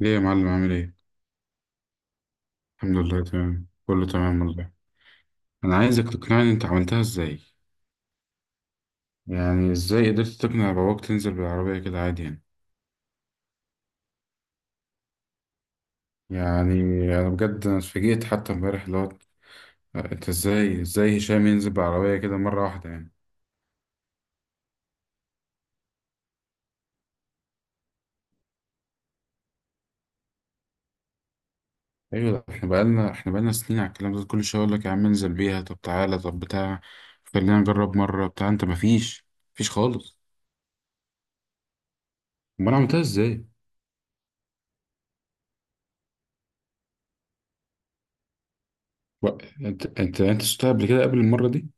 ليه يا معلم عامل ايه؟ الحمد لله، تمام، كله تمام والله. انا عايزك تقنعني انت عملتها ازاي. يعني ازاي قدرت تقنع باباك تنزل بالعربية كده عادي يعني؟ يعني انا بجد انا اتفاجئت حتى امبارح اللي هو انت ازاي هشام ينزل بالعربية كده مرة واحدة يعني. ايوه، ده احنا بقالنا سنين على الكلام ده، كل شوية اقول لك يا عم انزل بيها، طب تعالى، طب بتاع، خلينا نجرب مرة، بتاع، انت مفيش، مفيش خالص. امال انا عملتها ازاي؟ و- انت شفتها قبل كده، قبل المرة دي؟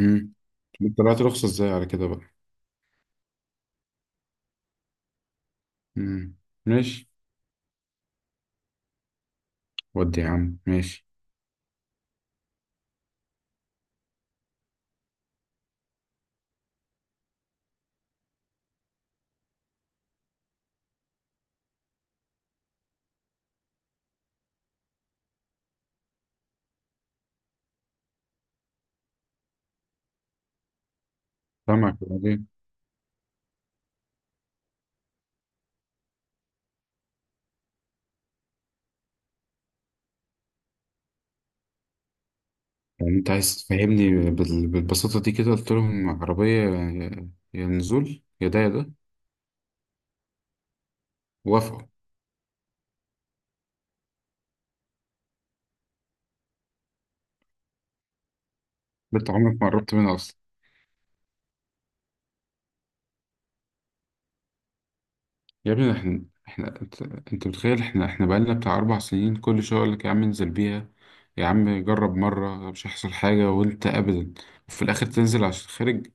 امم طلعت رخصة ازاي على كده بقى؟ مم. ماشي. ودي يا عم ماشي. سامعك، وبعدين؟ يعني انت عايز تفهمني بالبساطة دي كده، قلت لهم عربية، يا نزول، يا ده يا ده، وافقوا؟ بنت عمرك ما قربت منها اصلا. يا ابني، احنا انت، انت متخيل احنا بقالنا بتاع اربع سنين كل شوية اقول لك يا عم انزل بيها، يا عم جرب مرة مش هيحصل حاجة، وانت ابدا، وفي الاخر تنزل عشان خارج.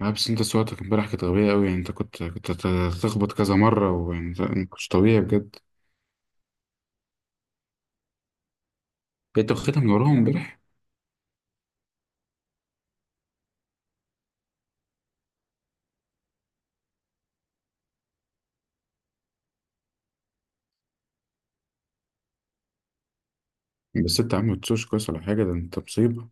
لا بس انت سواقتك امبارح كانت غبية قوي يعني، انت كنت هتخبط كذا مرة، وانت ما كنتش طبيعي بجد. انت واخدها من وراهم امبارح. بس انت يا عم متسوش كويس ولا حاجة، ده انت مصيبة.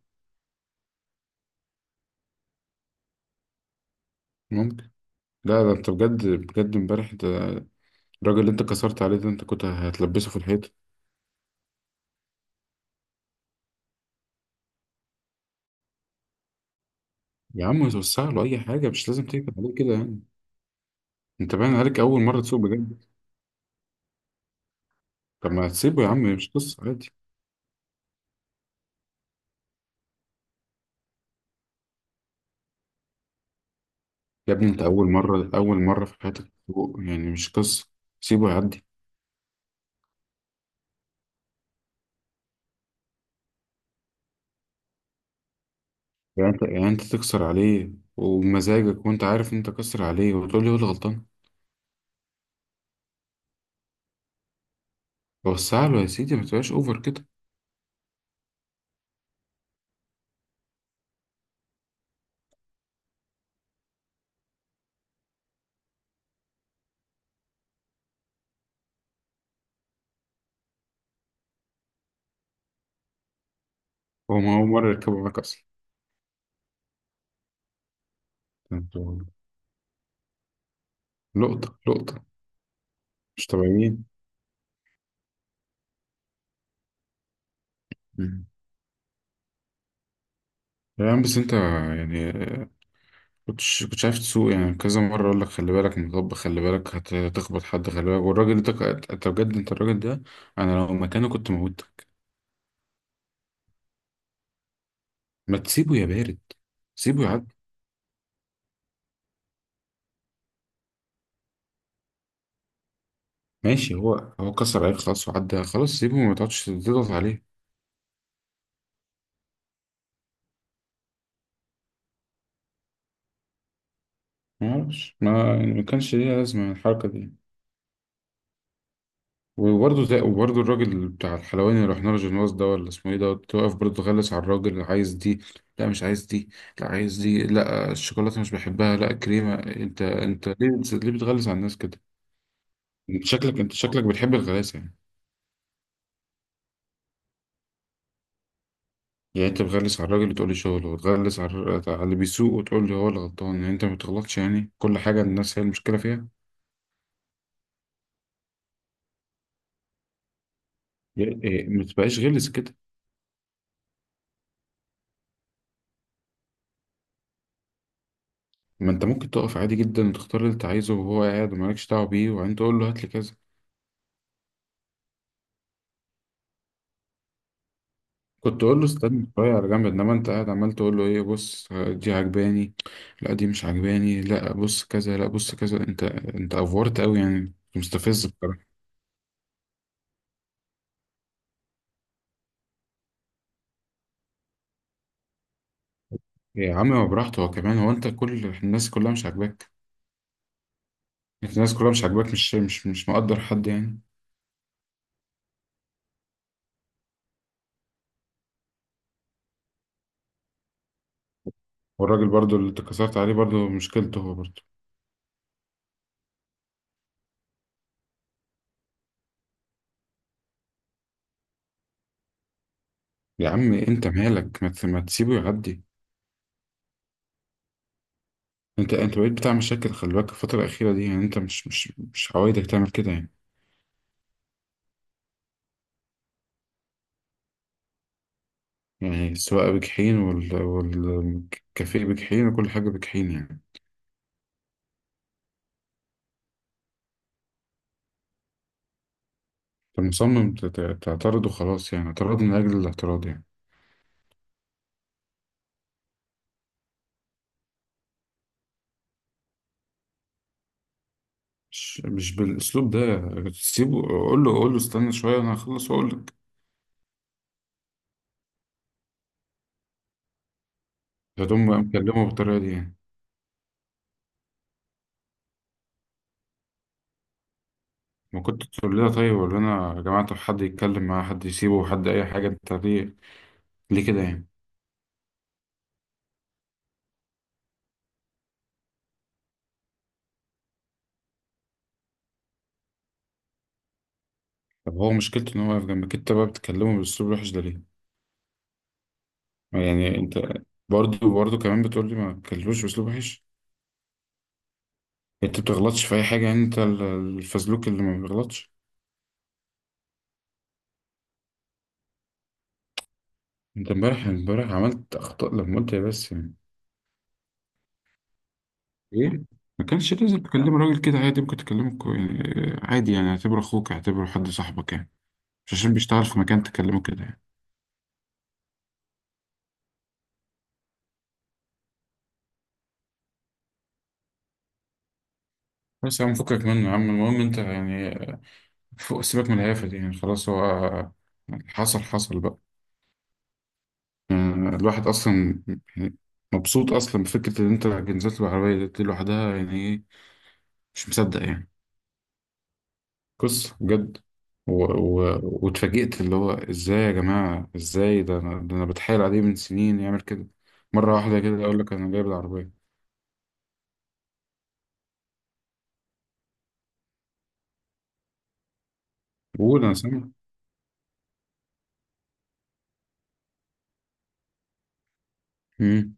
ممكن. لا ده انت بجد بجد امبارح ده، الراجل اللي انت كسرت عليه ده انت كنت هتلبسه في الحيط. يا عم توسع له، اي حاجة، مش لازم تكتب عليه كده يعني. انت باين عليك اول مرة تسوق بجد. طب ما تسيبه يا عم، مش قصة، عادي. يا ابني انت اول مرة، اول مرة في حياتك تسوق يعني، مش قصة. سيبه يعدي. يعني انت تكسر عليه ومزاجك، وانت عارف ان انت كسر عليه وتقول لي هو اللي غلطان. وسع له يا سيدي، ما تبقاش اوفر كده. هو ما هو مرة يركبه معاك اصلا. لقطة لقطة، مش طبيعيين. مم. يا عم بس انت يعني، كنتش عارف تسوق يعني. كذا مرة اقول لك خلي بالك من الغب، خلي بالك هتخبط حد، خلي بالك، والراجل ده انت بجد، انت الراجل ده انا لو مكانه كنت موتك. ما تسيبه يا بارد، سيبه يعدي. ماشي، هو كسر عليك خلاص وعدى، خلاص سيبه، ما تقعدش تضغط عليه. ما اعرفش، ما يعني، ما كانش ليها لازمة الحركة دي. وبرضه الراجل بتاع الحلواني اللي رحنا له، جنواز ده ولا اسمه ايه ده، توقف برضه غلس على الراجل، اللي عايز دي، لا مش عايز دي، لا عايز دي، لا الشوكولاته مش بحبها، لا كريمه. انت ليه ليه بتغلس على الناس كده؟ انت شكلك بتحب الغلاسه يعني. يعني انت بتغلس على الراجل وتقول لي شغله، وتغلس على على اللي بيسوق وتقول لي هو اللي غلطان. يعني انت ما بتغلطش يعني، كل حاجه الناس هي المشكله فيها. يعني إيه، ما تبقاش غلس كده. ما انت ممكن تقف عادي جدا وتختار اللي انت عايزه، وهو قاعد ومالكش دعوه بيه، وبعدين تقول له هات لي كذا. كنت اقول له استنى شويه على جنب، انما انت قاعد عمال تقول له ايه، بص دي عجباني، لا دي مش عجباني، لا بص كذا، لا بص كذا. انت افورت قوي يعني، أنت مستفز بصراحه. يا عم ما براحته هو كمان، هو انت كل الناس كلها مش عاجباك. أنت الناس كلها مش عاجباك، مش مقدر حد يعني. والراجل برضو اللي اتكسرت عليه برضو مشكلته هو برضو. يا عم انت مالك، ما تسيبه يعدي. انت بقيت بتاع مشاكل، خلي بالك الفتره الاخيره دي يعني، انت مش عوايدك تعمل كده يعني. يعني السواقة بجحيم والكافيه بجحيم وكل حاجة بجحيم يعني. فمصمم تعترض وخلاص يعني، اعتراض من أجل الاعتراض يعني. مش بالأسلوب ده. سيبه، قول له استنى شوية أنا هخلص وأقول لك. فتقوم بقى مكلمه بالطريقة دي يعني. ما كنت تقول لها طيب ولا أنا يا جماعة، طب حد يتكلم معاه، حد يسيبه، حد أي حاجة، أنت ليه، ليه كده يعني؟ طب هو مشكلته إن هو واقف جنبك أنت بقى بتكلمه بأسلوب وحش ده ليه؟ يعني أنت، برضه كمان بتقول لي ما تكلموش بأسلوب وحش. انت بتغلطش في اي حاجه يعني، انت الفزلوك اللي ما بيغلطش. انت امبارح، امبارح عملت اخطاء لما قلت يا بس يعني، ايه، ما كانش لازم تكلم راجل كده عادي، ممكن تكلمه يعني عادي، يعني اعتبره اخوك، اعتبره حد صاحبك يعني، مش عشان بيشتغل في مكان تكلمه كده يعني. بس يا عم فكك منه يا عم، المهم انت يعني، فوق، سيبك من الهيافه دي يعني، خلاص هو حصل، حصل بقى. يعني الواحد اصلا يعني مبسوط اصلا بفكره ان انت نزلت بالعربيه دي لوحدها، يعني ايه، مش مصدق يعني. قصة بجد. واتفاجئت اللي هو ازاي يا جماعة، ازاي، ده أنا بتحايل عليه من سنين يعمل كده، مرة واحدة كده اقول لك انا جايب العربية. قول، انا سامع. مم.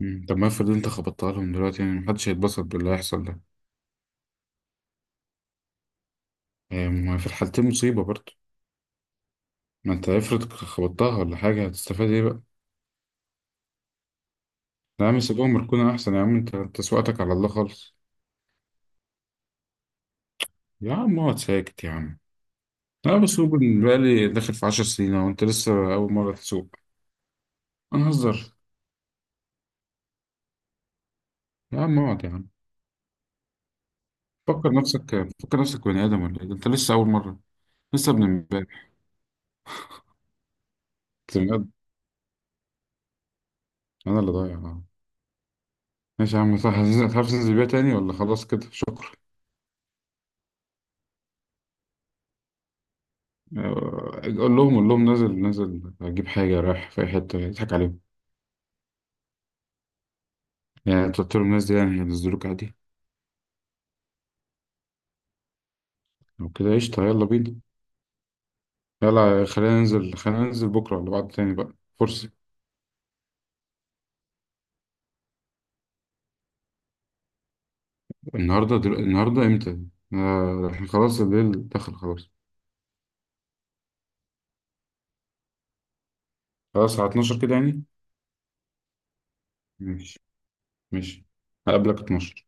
مم. طب ما افرض انت خبطتها لهم دلوقتي يعني، محدش هيتبسط باللي هيحصل ده. آه، ما في الحالتين مصيبة برضه. ما انت افرض خبطتها ولا حاجة، هتستفاد ايه بقى؟ لا يا عم سيبهم مركونة احسن يا عم، انت سواقتك على الله خالص. يا عم اقعد ساكت يا عم. لا بس هو بالنسبة لي داخل في عشر سنين، وانت لسه أول مرة تسوق. أنا هزر. يا عم اقعد يا عم. فكر نفسك، فكر نفسك بني آدم ولا إيه ده، أنت لسه أول مرة، لسه ابن امبارح، أنت بني آدم. أنا اللي ضايع آه. ماشي يا عم صح. هتعرف تنزل بيها تاني ولا خلاص كده، شكرا؟ آه، قول لهم نازل أجيب حاجة رايح في أي حتة يضحك عليهم. يعني أنت قلت لهم الناس دي يعني هينزلوك عادي؟ لو كده قشطة، يلا بينا. يلا خلينا ننزل بكرة ولا بعد تاني بقى، فرصة. النهاردة النهاردة إمتى؟ آه، إحنا خلاص الليل دخل خلاص. خلاص على 12 كده يعني. ماشي ماشي هقابلك 12